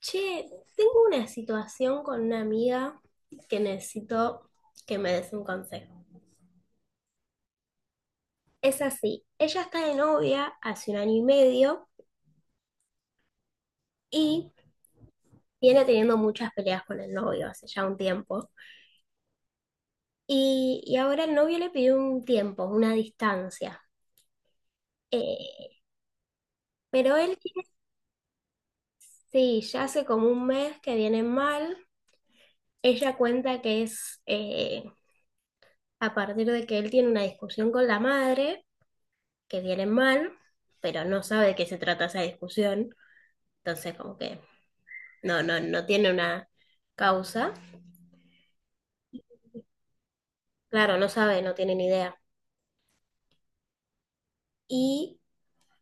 Che, tengo una situación con una amiga que necesito que me des un consejo. Es así, ella está de novia hace un año y medio y viene teniendo muchas peleas con el novio hace ya un tiempo. Y ahora el novio le pidió un tiempo, una distancia. Eh, pero él sí, ya hace como un mes que viene mal. Ella cuenta que es a partir de que él tiene una discusión con la madre. Que vienen mal, pero no sabe de qué se trata esa discusión, entonces como que no tiene una causa, claro, no sabe, no tiene ni idea. Y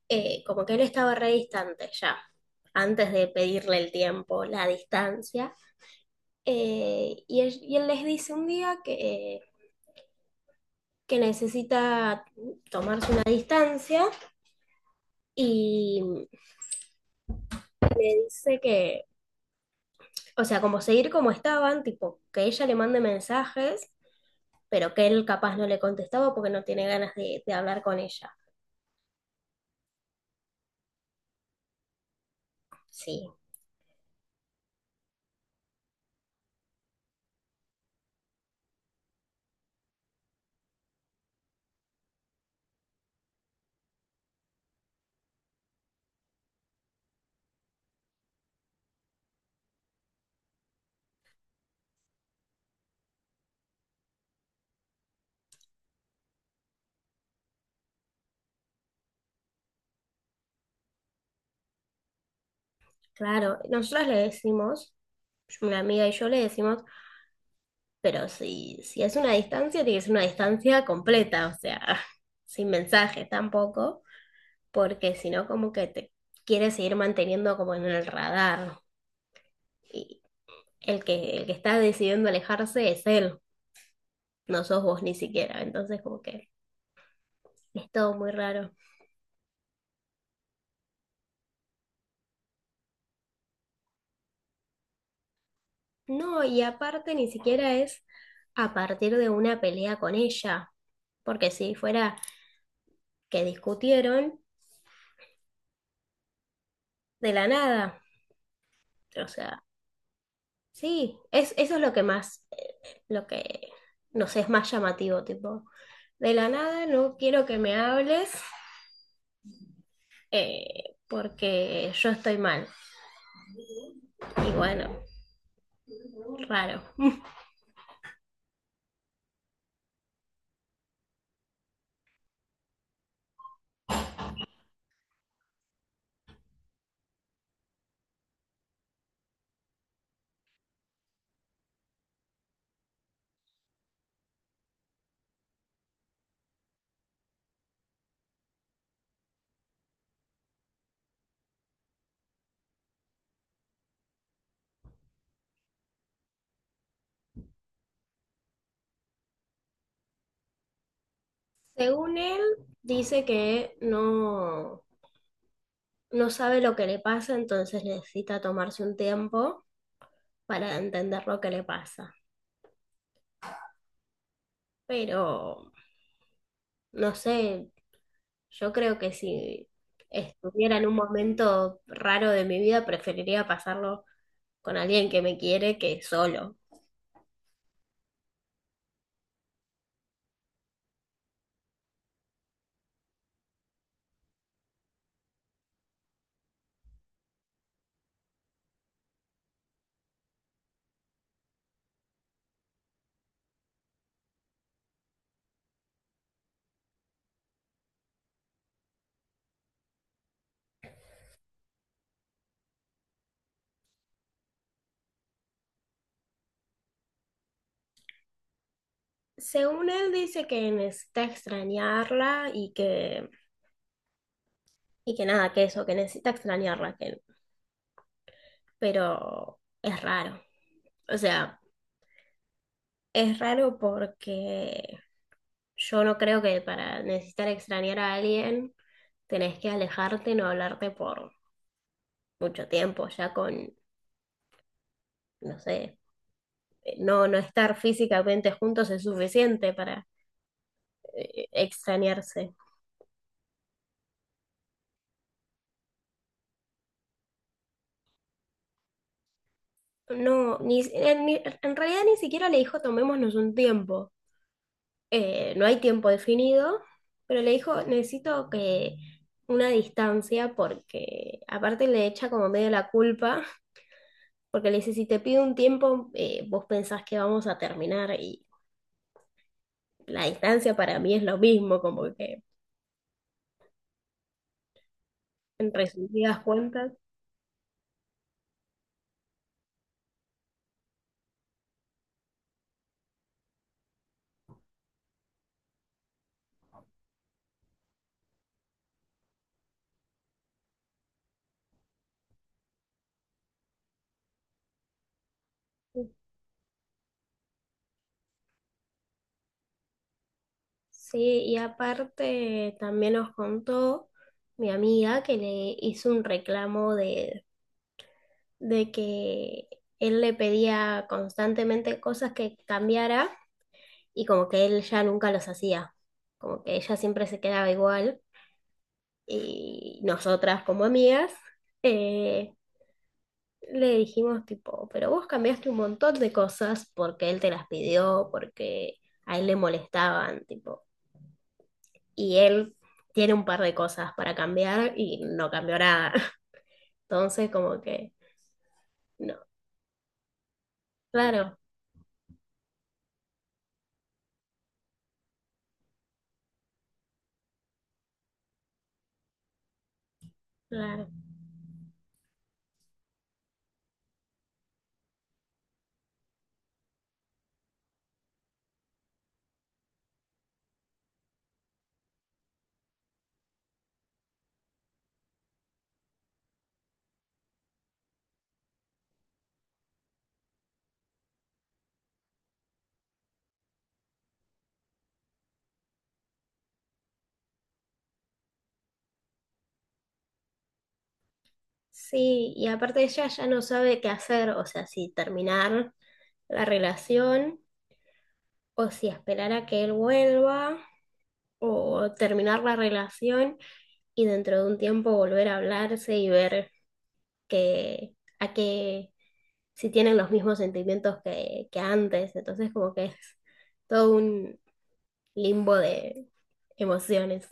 Como que él estaba re distante ya, antes de pedirle el tiempo, la distancia, y él les dice un día que necesita tomarse una distancia y le dice o sea, como seguir como estaban, tipo, que ella le mande mensajes pero que él capaz no le contestaba porque no tiene ganas de hablar con ella. Sí, claro, nosotros le decimos, una amiga y yo le decimos, pero si es una distancia, tiene que ser una distancia completa, o sea, sin mensajes tampoco, porque si no como que te quiere seguir manteniendo como en el radar. Y el que está decidiendo alejarse es él, no sos vos ni siquiera, entonces como que es todo muy raro. No, y aparte ni siquiera es a partir de una pelea con ella, porque si fuera que discutieron de la nada, o sea, sí, eso es lo que más, no sé, es más llamativo, tipo, de la nada no quiero que me hables porque yo estoy mal. Y bueno, raro. Según él, dice que no, no sabe lo que le pasa, entonces necesita tomarse un tiempo para entender lo que le pasa. Pero, no sé, yo creo que si estuviera en un momento raro de mi vida, preferiría pasarlo con alguien que me quiere que solo. Según él dice que necesita extrañarla y que nada, que eso, que necesita extrañarla, que, pero es raro. O sea, es raro porque yo no creo que para necesitar extrañar a alguien tenés que alejarte, no hablarte por mucho tiempo, ya con, no sé, no estar físicamente juntos es suficiente para extrañarse. No, ni, si, en, ni- En realidad ni siquiera le dijo tomémonos un tiempo. No hay tiempo definido, pero le dijo necesito que una distancia porque aparte le echa como medio la culpa, porque le dice si te pido un tiempo, vos pensás que vamos a terminar y la distancia para mí es lo mismo, como que en resumidas cuentas. Sí, y aparte también nos contó mi amiga que le hizo un reclamo de que él le pedía constantemente cosas que cambiara y como que él ya nunca los hacía, como que ella siempre se quedaba igual y nosotras como amigas eh, le dijimos tipo, pero vos cambiaste un montón de cosas porque él te las pidió, porque a él le molestaban, y él tiene un par de cosas para cambiar y no cambió nada. Entonces, como que, no, claro, claro. Sí, y aparte ella ya no sabe qué hacer, o sea, si terminar la relación o si esperar a que él vuelva o terminar la relación y dentro de un tiempo volver a hablarse y ver que a qué si tienen los mismos sentimientos que antes. Entonces, como que es todo un, limbo de emociones.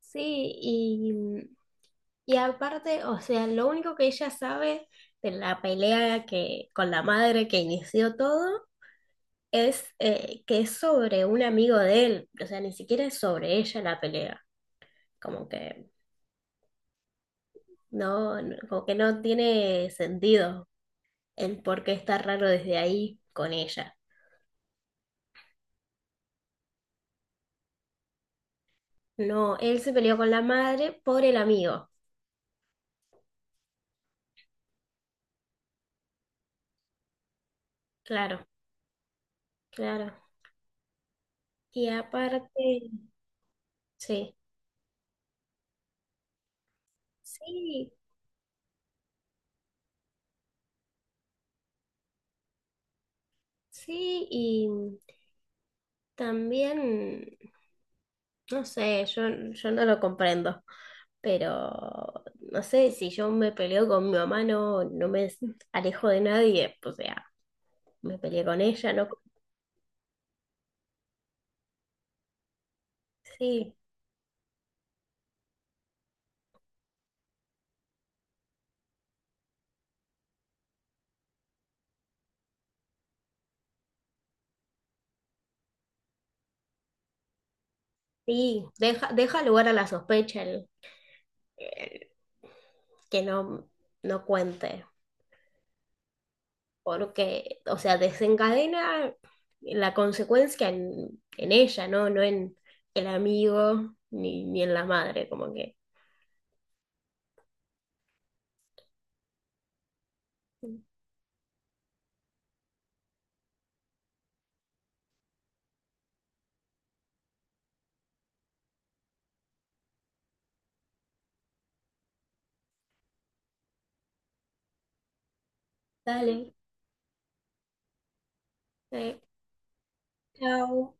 Sí, y, y aparte, o sea, lo único que ella sabe de la pelea con la madre que inició todo es que es sobre un amigo de él, o sea, ni siquiera es sobre ella la pelea, como que como que no tiene sentido el por qué está raro desde ahí con ella. No, él se peleó con la madre por el amigo, claro, claro. Y aparte, sí. Sí, sí, y también, no sé, yo no lo comprendo, pero no sé, si yo me peleo con mi mamá, no, no me alejo de nadie, o sea, me peleé con ella, no, sí, sí, deja lugar a la sospecha el que no, no cuente, porque, o sea, desencadena la consecuencia en ella, ¿no? No en el amigo ni en la madre, como que, dale. Sí. Chao.